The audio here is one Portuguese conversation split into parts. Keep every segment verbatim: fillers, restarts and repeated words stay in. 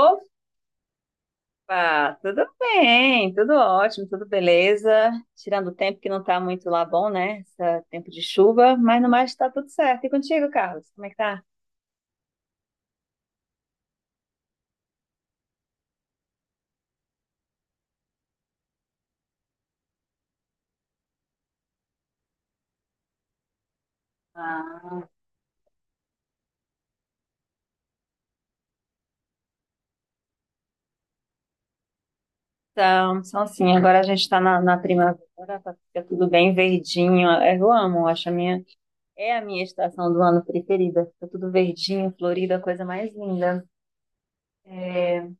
Opa, tudo bem, tudo ótimo, tudo beleza. Tirando o tempo que não está muito lá bom, né? Esse tempo de chuva, mas no mais está tudo certo. E contigo, Carlos, como é que tá? Ah, então, então assim, agora a gente está na, na primavera, tá, fica tudo bem verdinho. É, eu amo, acho a minha, é a minha estação do ano preferida. Fica tudo verdinho, florido, a coisa mais linda. É,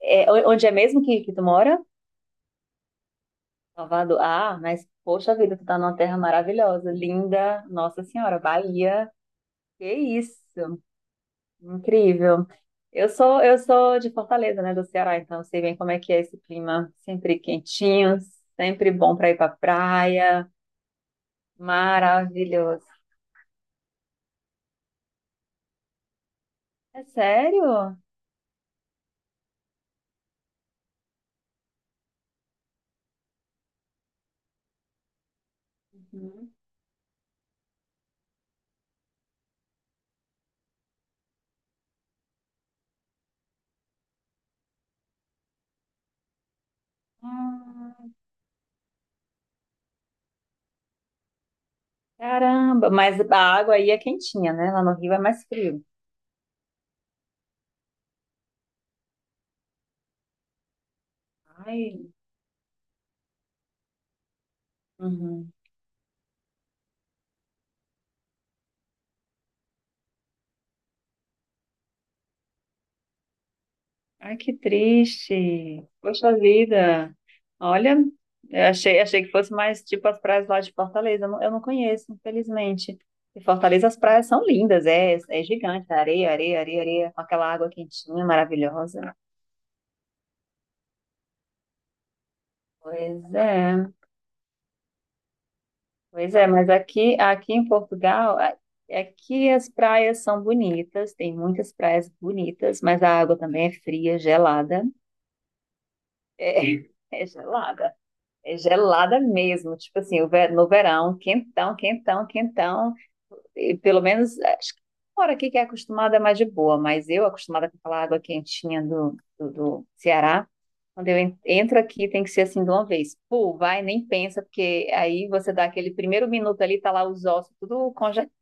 é, Onde é mesmo que, que tu mora? Salvador. Ah, mas poxa vida, tu tá numa terra maravilhosa, linda. Nossa Senhora, Bahia. Que isso? Incrível. Eu sou, eu sou de Fortaleza, né, do Ceará, então eu sei bem como é que é esse clima, sempre quentinho, sempre bom para ir para praia. Maravilhoso. É sério? Uhum. Ah, caramba, mas a água aí é quentinha, né? Lá no Rio é mais frio. Ai. Uhum. Ai, que triste. Poxa vida. Olha, eu achei, achei que fosse mais tipo as praias lá de Fortaleza. Eu não, eu não conheço, infelizmente. E Fortaleza, as praias são lindas, é, é gigante, areia, areia, areia, areia, com aquela água quentinha, maravilhosa. Pois é, pois é, mas aqui, aqui em Portugal, a- aqui as praias são bonitas, tem muitas praias bonitas, mas a água também é fria, gelada. É, é gelada. É gelada mesmo, tipo assim, o ve- no verão, quentão, quentão, quentão. E pelo menos, é, acho que fora aqui que é acostumada é mais de boa, mas eu, acostumada com aquela água quentinha do, do, do Ceará, quando eu en- entro aqui tem que ser assim de uma vez. Pô, vai, nem pensa, porque aí você dá aquele primeiro minuto ali, tá lá os ossos tudo congelando,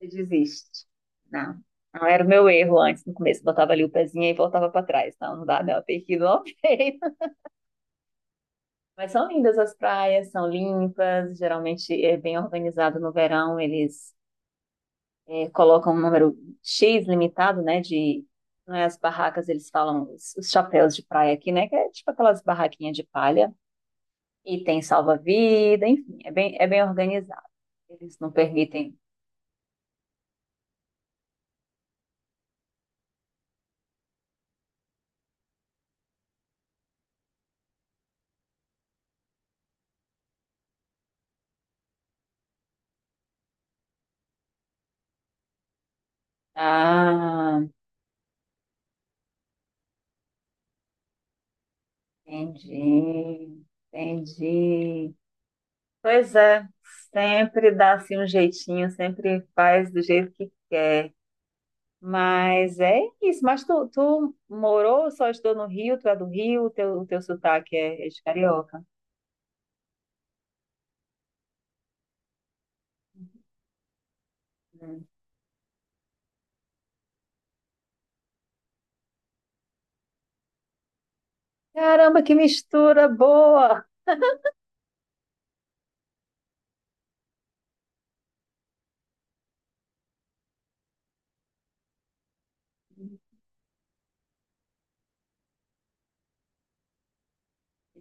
e desiste. Não, não era o meu erro antes, no começo, botava ali o pezinho e voltava para trás. Não, não dá, não, tem que ir de uma vez. Mas são lindas as praias, são limpas, geralmente é bem organizado no verão, eles é, colocam um número X limitado, né, de, não é, as barracas, eles falam os, os, chapéus de praia aqui, né, que é tipo aquelas barraquinhas de palha, e tem salva-vida, enfim, é bem, é bem organizado, eles não permitem. Ah, entendi, entendi. Pois é, sempre dá assim um jeitinho, sempre faz do jeito que quer. Mas é isso. Mas tu, tu morou, só estudou no Rio, tu é do Rio, o teu, o teu sotaque é, é de carioca. Hum. Caramba, que mistura boa!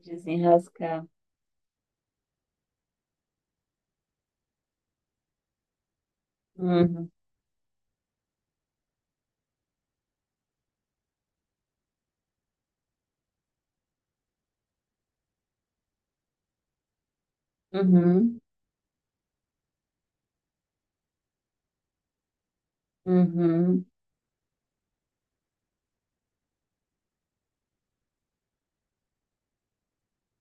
Desenrascar. Uhum, uhum, uhum,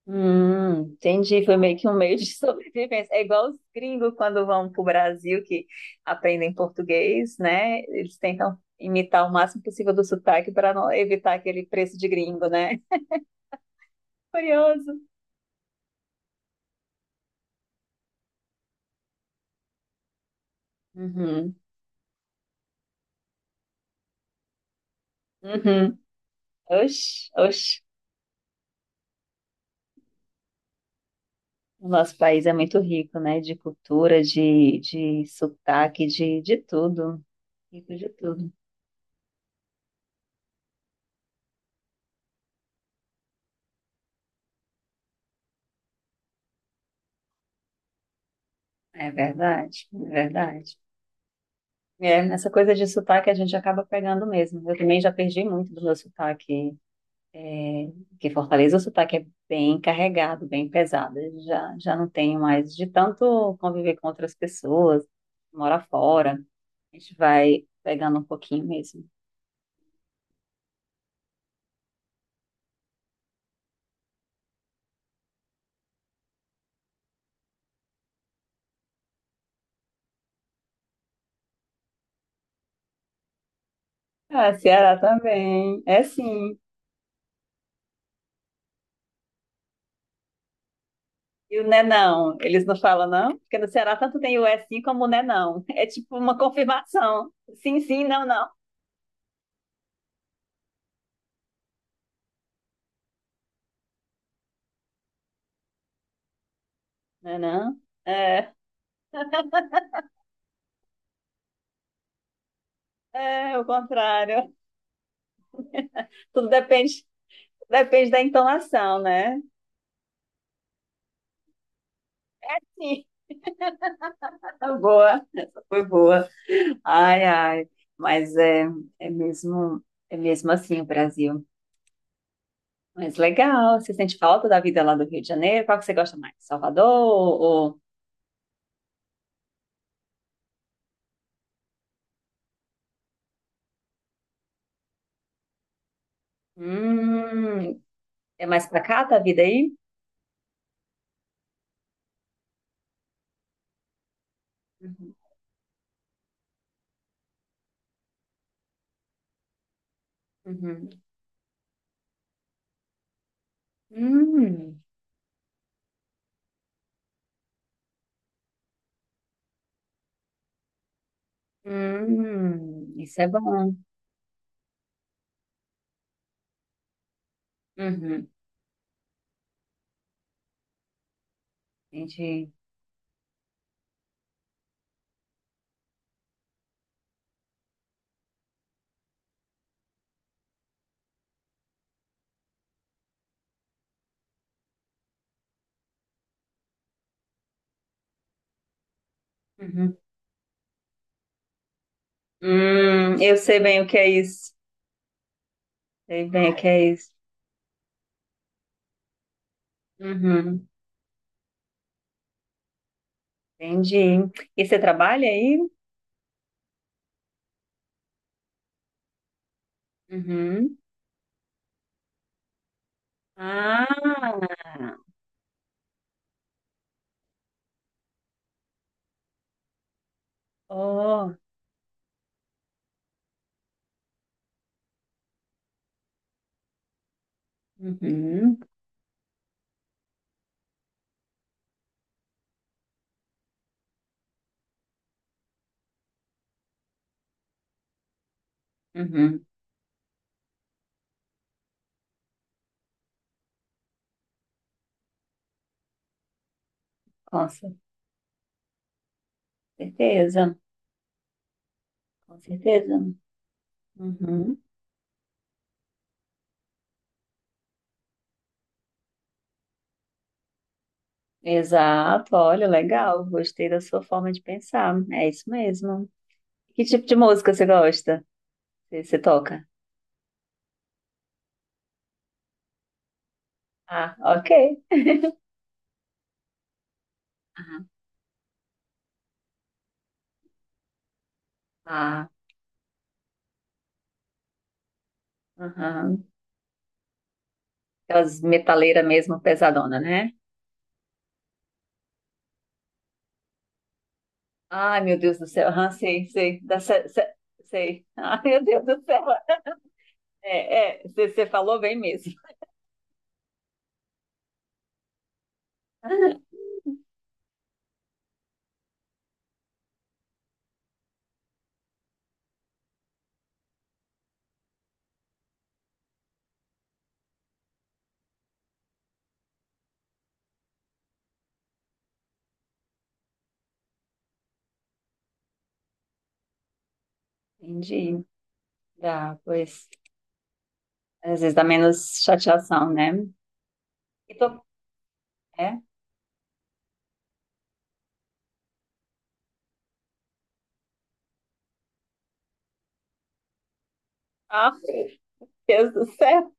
uhum. Entendi, foi meio que um meio de sobrevivência. É igual os gringos quando vão para o Brasil que aprendem português, né? Eles tentam imitar o máximo possível do sotaque para não evitar aquele preço de gringo, né? Curioso. Uhum, uhum. Oxe, oxe. O nosso país é muito rico, né? De cultura, de, de sotaque, de, de tudo. Rico de tudo. É verdade, é verdade. É, nessa coisa de sotaque a gente acaba pegando mesmo. Eu também já perdi muito do meu sotaque, que Fortaleza o sotaque é bem carregado, bem pesado. Eu Já, já não tenho mais de tanto conviver com outras pessoas, mora fora. A gente vai pegando um pouquinho mesmo. Ah, Ceará também. É sim. E o né não, eles não falam não? Porque no Ceará tanto tem o é sim como o né não. É tipo uma confirmação. Sim, sim, não, não. Né não? É, é o contrário. Tudo depende, depende da entonação, né? Sim, tá boa. Essa foi boa. Ai, ai. Mas é, é mesmo, é mesmo assim o Brasil. Mas legal. Você sente falta da vida lá do Rio de Janeiro? Qual que você gosta mais? Salvador ou... ou- Hum, é mais pra cá tá a vida aí? Uhum, uhum. Hum, hum, isso é bom. Uhum, entendi. Uhum. Hum, eu sei bem o que é isso. Sei bem o que é isso. Uhum, entendi. E você trabalha aí? Uhum. Ah, oh, uhum, uhum, com certeza, com certeza. Uhum. Exato, olha, legal. Gostei da sua forma de pensar. É isso mesmo. Que tipo de música você gosta? Você você toca? Ah, ok. Ah, tá. Aham. Aquelas metaleiras mesmo, pesadona, né? Ai, meu Deus do céu. Aham, sei, sei. Da, se- se- Sei. Ai, meu Deus do céu. É, é, você falou bem mesmo. Entendi. Dá, pois. Às vezes dá menos chateação, né? E tua, é? Ah, meu Deus do céu.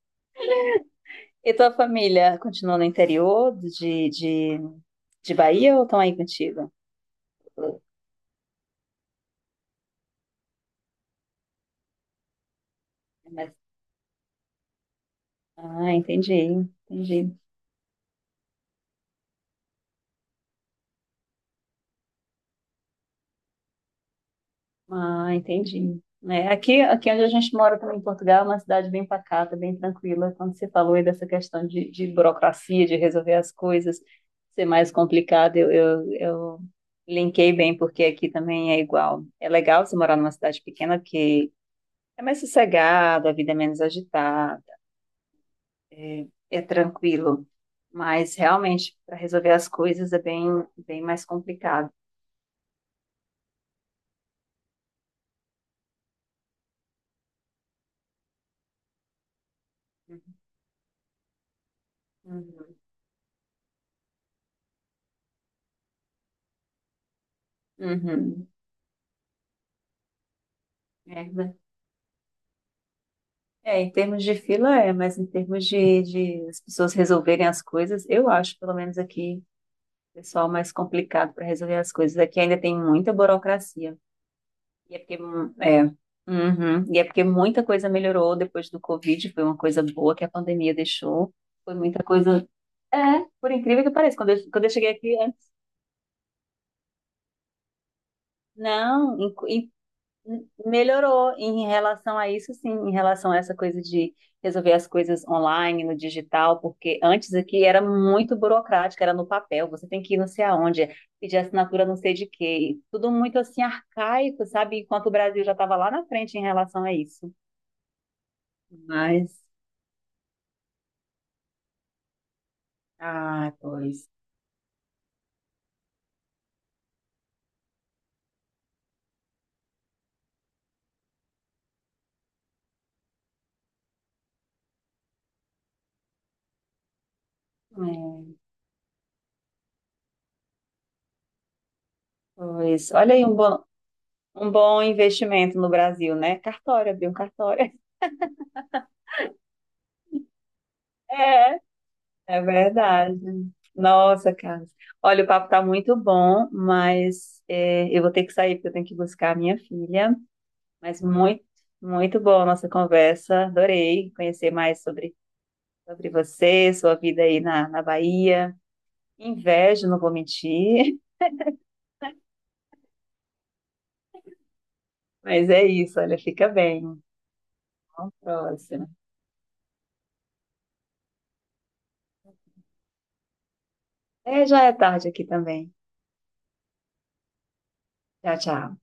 E tua família continua no interior de, de, de Bahia ou estão aí contigo? Mas- ah, entendi. Entendi. Ah, entendi. É, aqui, aqui onde a gente mora também em Portugal, é uma cidade bem pacata, bem tranquila. Quando você falou aí dessa questão de, de burocracia, de resolver as coisas, ser mais complicado, eu, eu, eu linkei bem, porque aqui também é igual. É legal você morar numa cidade pequena, porque é mais sossegado, a vida é menos agitada, é, é tranquilo. Mas realmente, para resolver as coisas é bem, bem mais complicado. Uhum. Uhum. É. É, em termos de fila é, mas em termos de, de as pessoas resolverem as coisas, eu acho, pelo menos aqui, o pessoal mais complicado para resolver as coisas. Aqui ainda tem muita burocracia. E é porque, hum, é, uhum, e é porque muita coisa melhorou depois do Covid, foi uma coisa boa que a pandemia deixou. Foi muita coisa. É, por incrível que pareça, quando eu, quando eu cheguei aqui, antes, não, N- melhorou em relação a isso, sim, em relação a essa coisa de resolver as coisas online, no digital, porque antes aqui era muito burocrático, era no papel, você tem que ir não sei aonde, pedir assinatura não sei de quê, e tudo muito assim arcaico, sabe? Enquanto o Brasil já estava lá na frente em relação a isso. Mas, ah, pois, é, pois, olha aí um bom, um bom, investimento no Brasil, né? Cartório, abrir um cartório. É verdade. Nossa, Carlos. Olha, o papo tá muito bom, mas é, eu vou ter que sair porque eu tenho que buscar a minha filha. Mas muito, muito boa a nossa conversa. Adorei conhecer mais sobre, sobre você, sua vida aí na, na Bahia. Invejo, não vou mentir. Mas é isso, olha, fica bem. Até a próxima. É, já é tarde aqui também. Tchau, tchau.